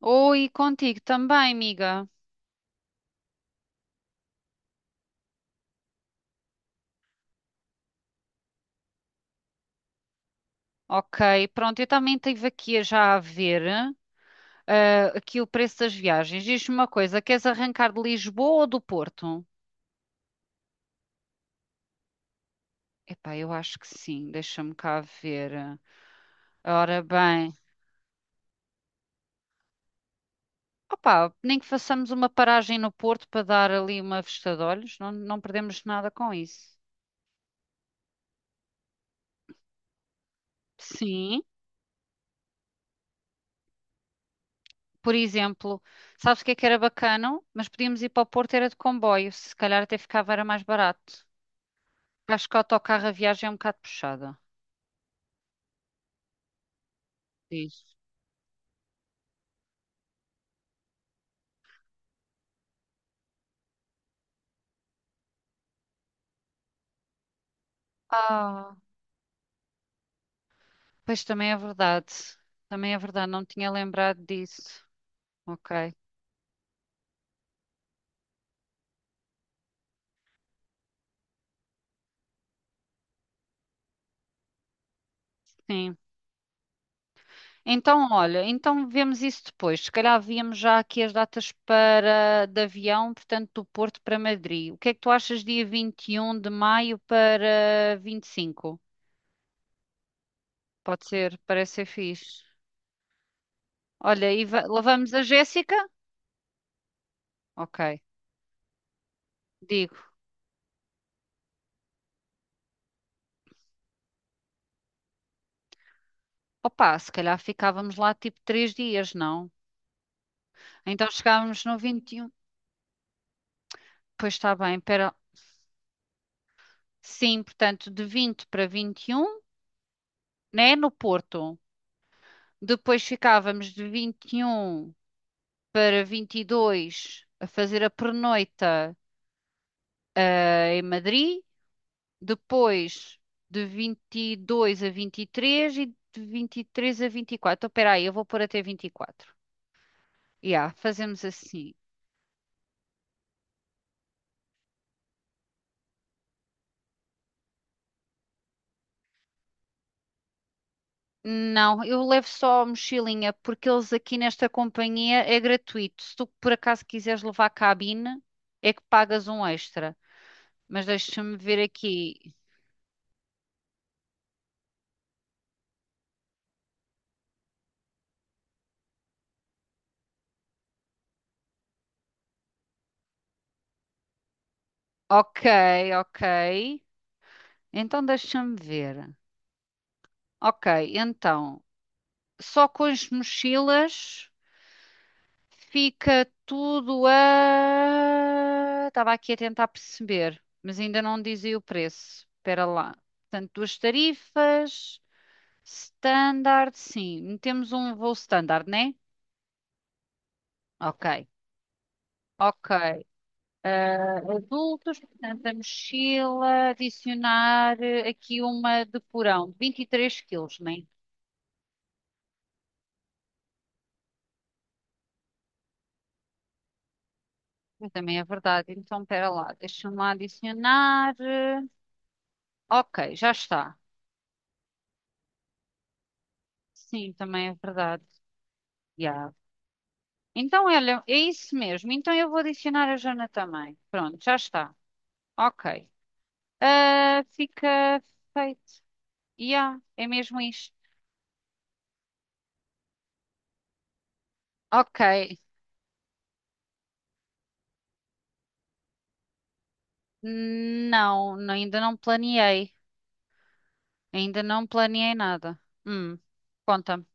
Oi, contigo também, amiga. Ok, pronto, eu também estive aqui já a ver aqui o preço das viagens. Diz-me uma coisa, queres arrancar de Lisboa ou do Porto? Epá, eu acho que sim, deixa-me cá ver. Ora bem, opá, nem que façamos uma paragem no Porto para dar ali uma vista de olhos, não, não perdemos nada com isso. Sim, por exemplo, sabes o que é que era bacana? Mas podíamos ir para o Porto, era de comboio, se calhar até ficava, era mais barato. Acho que o autocarro a viagem é um bocado puxada. Diz. Ah, pois também é verdade. Também é verdade, não tinha lembrado disso. Ok, sim. Então, olha, então vemos isso depois. Se calhar víamos já aqui as datas para de avião, portanto, do Porto para Madrid. O que é que tu achas dia 21 de maio para 25? Pode ser, parece ser fixe. Olha, e levamos a Jéssica? Ok, digo. Opa, se calhar ficávamos lá tipo 3 dias, não? Então chegámos no 21. Pois está bem, pera. Sim, portanto, de 20 para 21, né, no Porto. Depois ficávamos de 21 para 22 a fazer a pernoita em Madrid. Depois de 22 a 23 e três e de 23 a 24. Então, espera aí, eu vou pôr até 24. Yeah, fazemos assim. Não, eu levo só a mochilinha, porque eles aqui nesta companhia é gratuito. Se tu por acaso quiseres levar cabine, é que pagas um extra. Mas deixa-me ver aqui. Ok, ok. Então deixa-me ver. Ok, então, só com as mochilas fica tudo a. Estava aqui a tentar perceber, mas ainda não dizia o preço. Espera lá. Portanto, duas tarifas. Standard, sim. Metemos um voo standard, né? Ok, ok. Ah, adultos, portanto, a mochila, adicionar aqui uma de porão, 23 quilos, né? Também é verdade. Então, espera lá, deixa-me lá adicionar. Ok, já está. Sim, também é verdade. Já. Então, olha, é isso mesmo. Então, eu vou adicionar a Jana também. Pronto, já está. Ok. Ah, fica feito. Yeah, é mesmo isto. Ok. Não, ainda não planeei. Ainda não planeei nada. Hum, conta-me.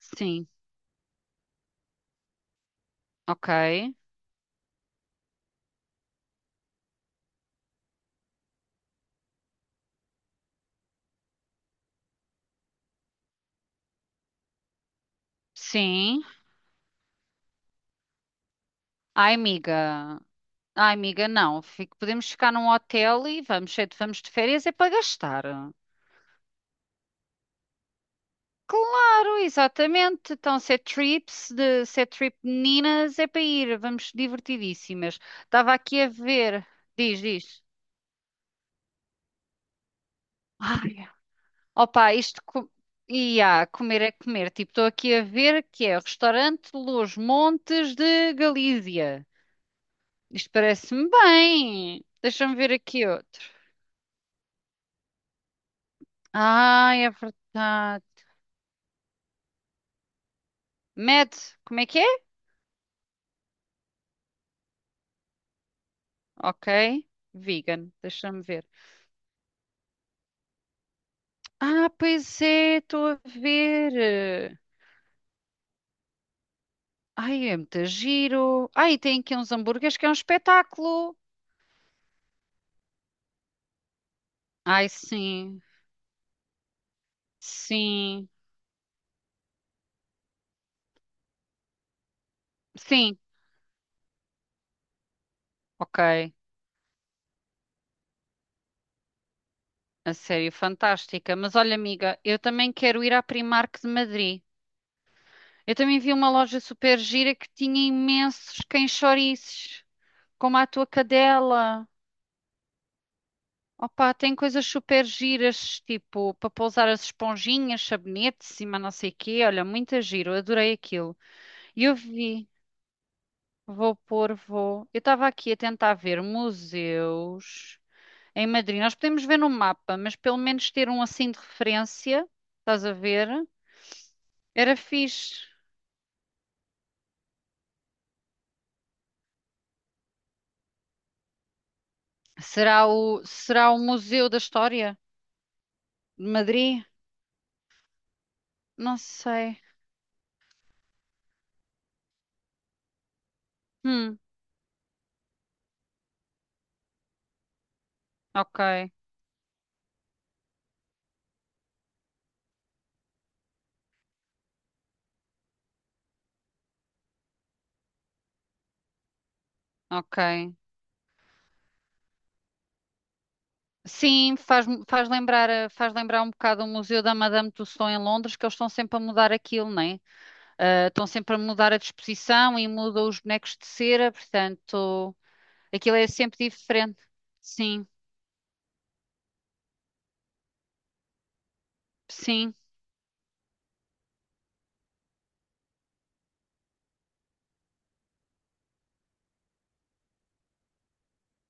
Sim, ok. Sim. Ai, amiga. Ai, amiga, não. Podemos ficar num hotel e vamos, vamos de férias é para gastar. Claro, exatamente. Então, se é trip de meninas, é para ir. Vamos divertidíssimas. Estava aqui a ver. Diz, diz. Ai. Opa, e há, comer é comer. Tipo, estou aqui a ver que é restaurante Los Montes de Galícia. Isto parece-me bem. Deixa-me ver aqui outro. Ah, é verdade. Med, como é que é? Ok. Vegan, deixa-me ver. Ah, pois é, estou a ver. Ai, é muito giro. Ai, tem aqui uns hambúrgueres que é um espetáculo. Ai, sim, sim, sim, ok. A sério, fantástica. Mas olha, amiga, eu também quero ir à Primark de Madrid. Eu também vi uma loja super gira que tinha imensos cães-chouriços, como a tua cadela. Opa, tem coisas super giras, tipo, para pousar as esponjinhas, sabonetes, cima não sei quê. Olha, muito giro, eu adorei aquilo. E eu vi, vou pôr, vou. Eu estava aqui a tentar ver museus em Madrid. Nós podemos ver no mapa, mas pelo menos ter um assim de referência, estás a ver? Era fixe. Será o Museu da História de Madrid? Não sei. Hum, ok, ok. Sim, faz lembrar um bocado o Museu da Madame Tussauds em Londres, que eles estão sempre a mudar aquilo, né? É? Estão sempre a mudar a disposição e mudam os bonecos de cera, portanto, aquilo é sempre diferente. Sim, sim,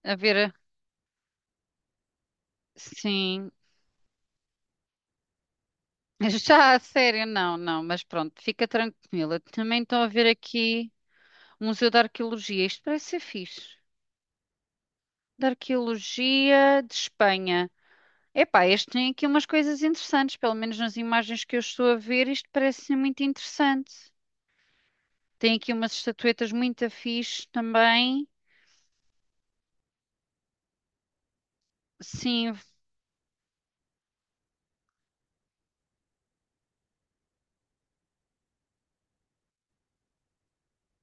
a ver, sim. Já a sério, não, não, mas pronto, fica tranquila. Também estou a ver aqui. Um Museu de Arqueologia. Isto parece ser fixe. De Arqueologia de Espanha. Epá, este tem aqui umas coisas interessantes, pelo menos nas imagens que eu estou a ver, isto parece muito interessante. Tem aqui umas estatuetas muito fixe também. Sim,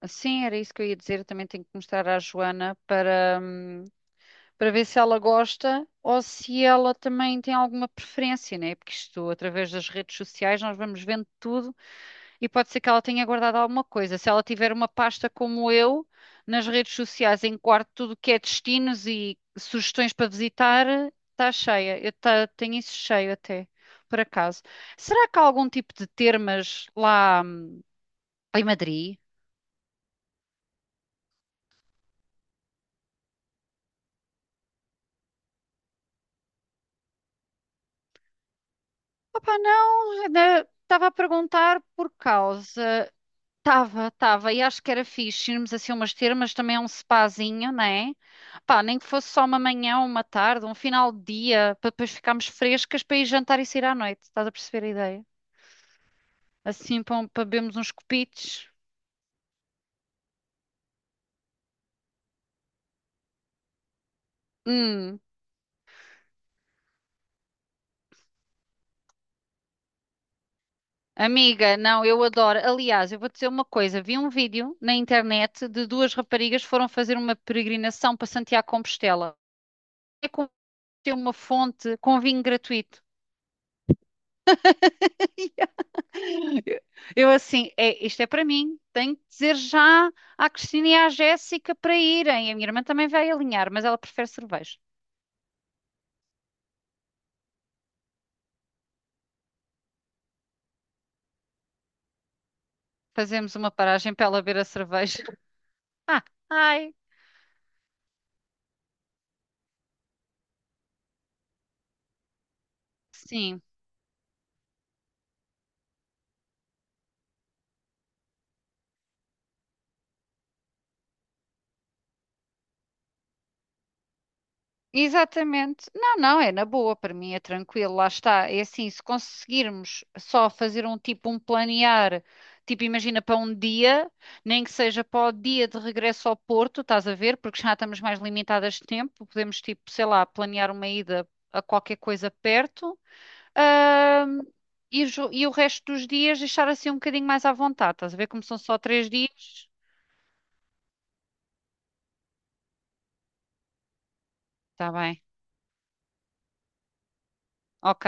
sim, era isso que eu ia dizer. Eu também tenho que mostrar à Joana para ver se ela gosta ou se ela também tem alguma preferência, né? Porque isto, através das redes sociais, nós vamos vendo tudo. E pode ser que ela tenha guardado alguma coisa. Se ela tiver uma pasta como eu, nas redes sociais, em quarto tudo que é destinos e sugestões para visitar, está cheia. Eu tenho isso cheio até, por acaso. Será que há algum tipo de termas lá em Madrid? Opa, não, né, estava a perguntar por causa. Tava, tava, e acho que era fixe irmos assim umas termas, também é um spazinho, né? Pá, nem que fosse só uma manhã, uma tarde, um final de dia, para depois ficarmos frescas para ir jantar e sair à noite, estás a perceber a ideia? Assim, para bebermos uns copitos. Hum, amiga, não, eu adoro. Aliás, eu vou te dizer uma coisa, vi um vídeo na internet de duas raparigas que foram fazer uma peregrinação para Santiago de Compostela. É com ter uma fonte com vinho gratuito. Eu assim, é, isto é para mim. Tenho que dizer já à Cristina e à Jéssica para irem. A minha irmã também vai alinhar, mas ela prefere cerveja. Fazemos uma paragem para ela ver a cerveja. Ah, ai, sim. Exatamente. Não, não, é na boa, para mim é tranquilo, lá está. É assim, se conseguirmos só fazer um tipo, um planear, tipo, imagina para um dia, nem que seja para o dia de regresso ao Porto, estás a ver? Porque já estamos mais limitadas de tempo, podemos, tipo, sei lá, planear uma ida a qualquer coisa perto. ahm, e o resto dos dias deixar assim um bocadinho mais à vontade, estás a ver? Como são só 3 dias, está bem, ok,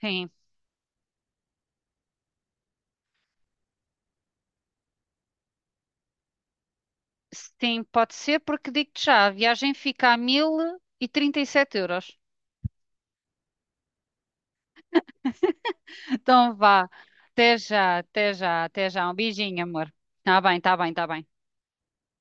sim. Sim, pode ser, porque digo-te já, a viagem fica a mil e trinta e sete euros. Então vá, até já, até já, até já. Um beijinho, amor. Tá bem, tá bem, tá bem.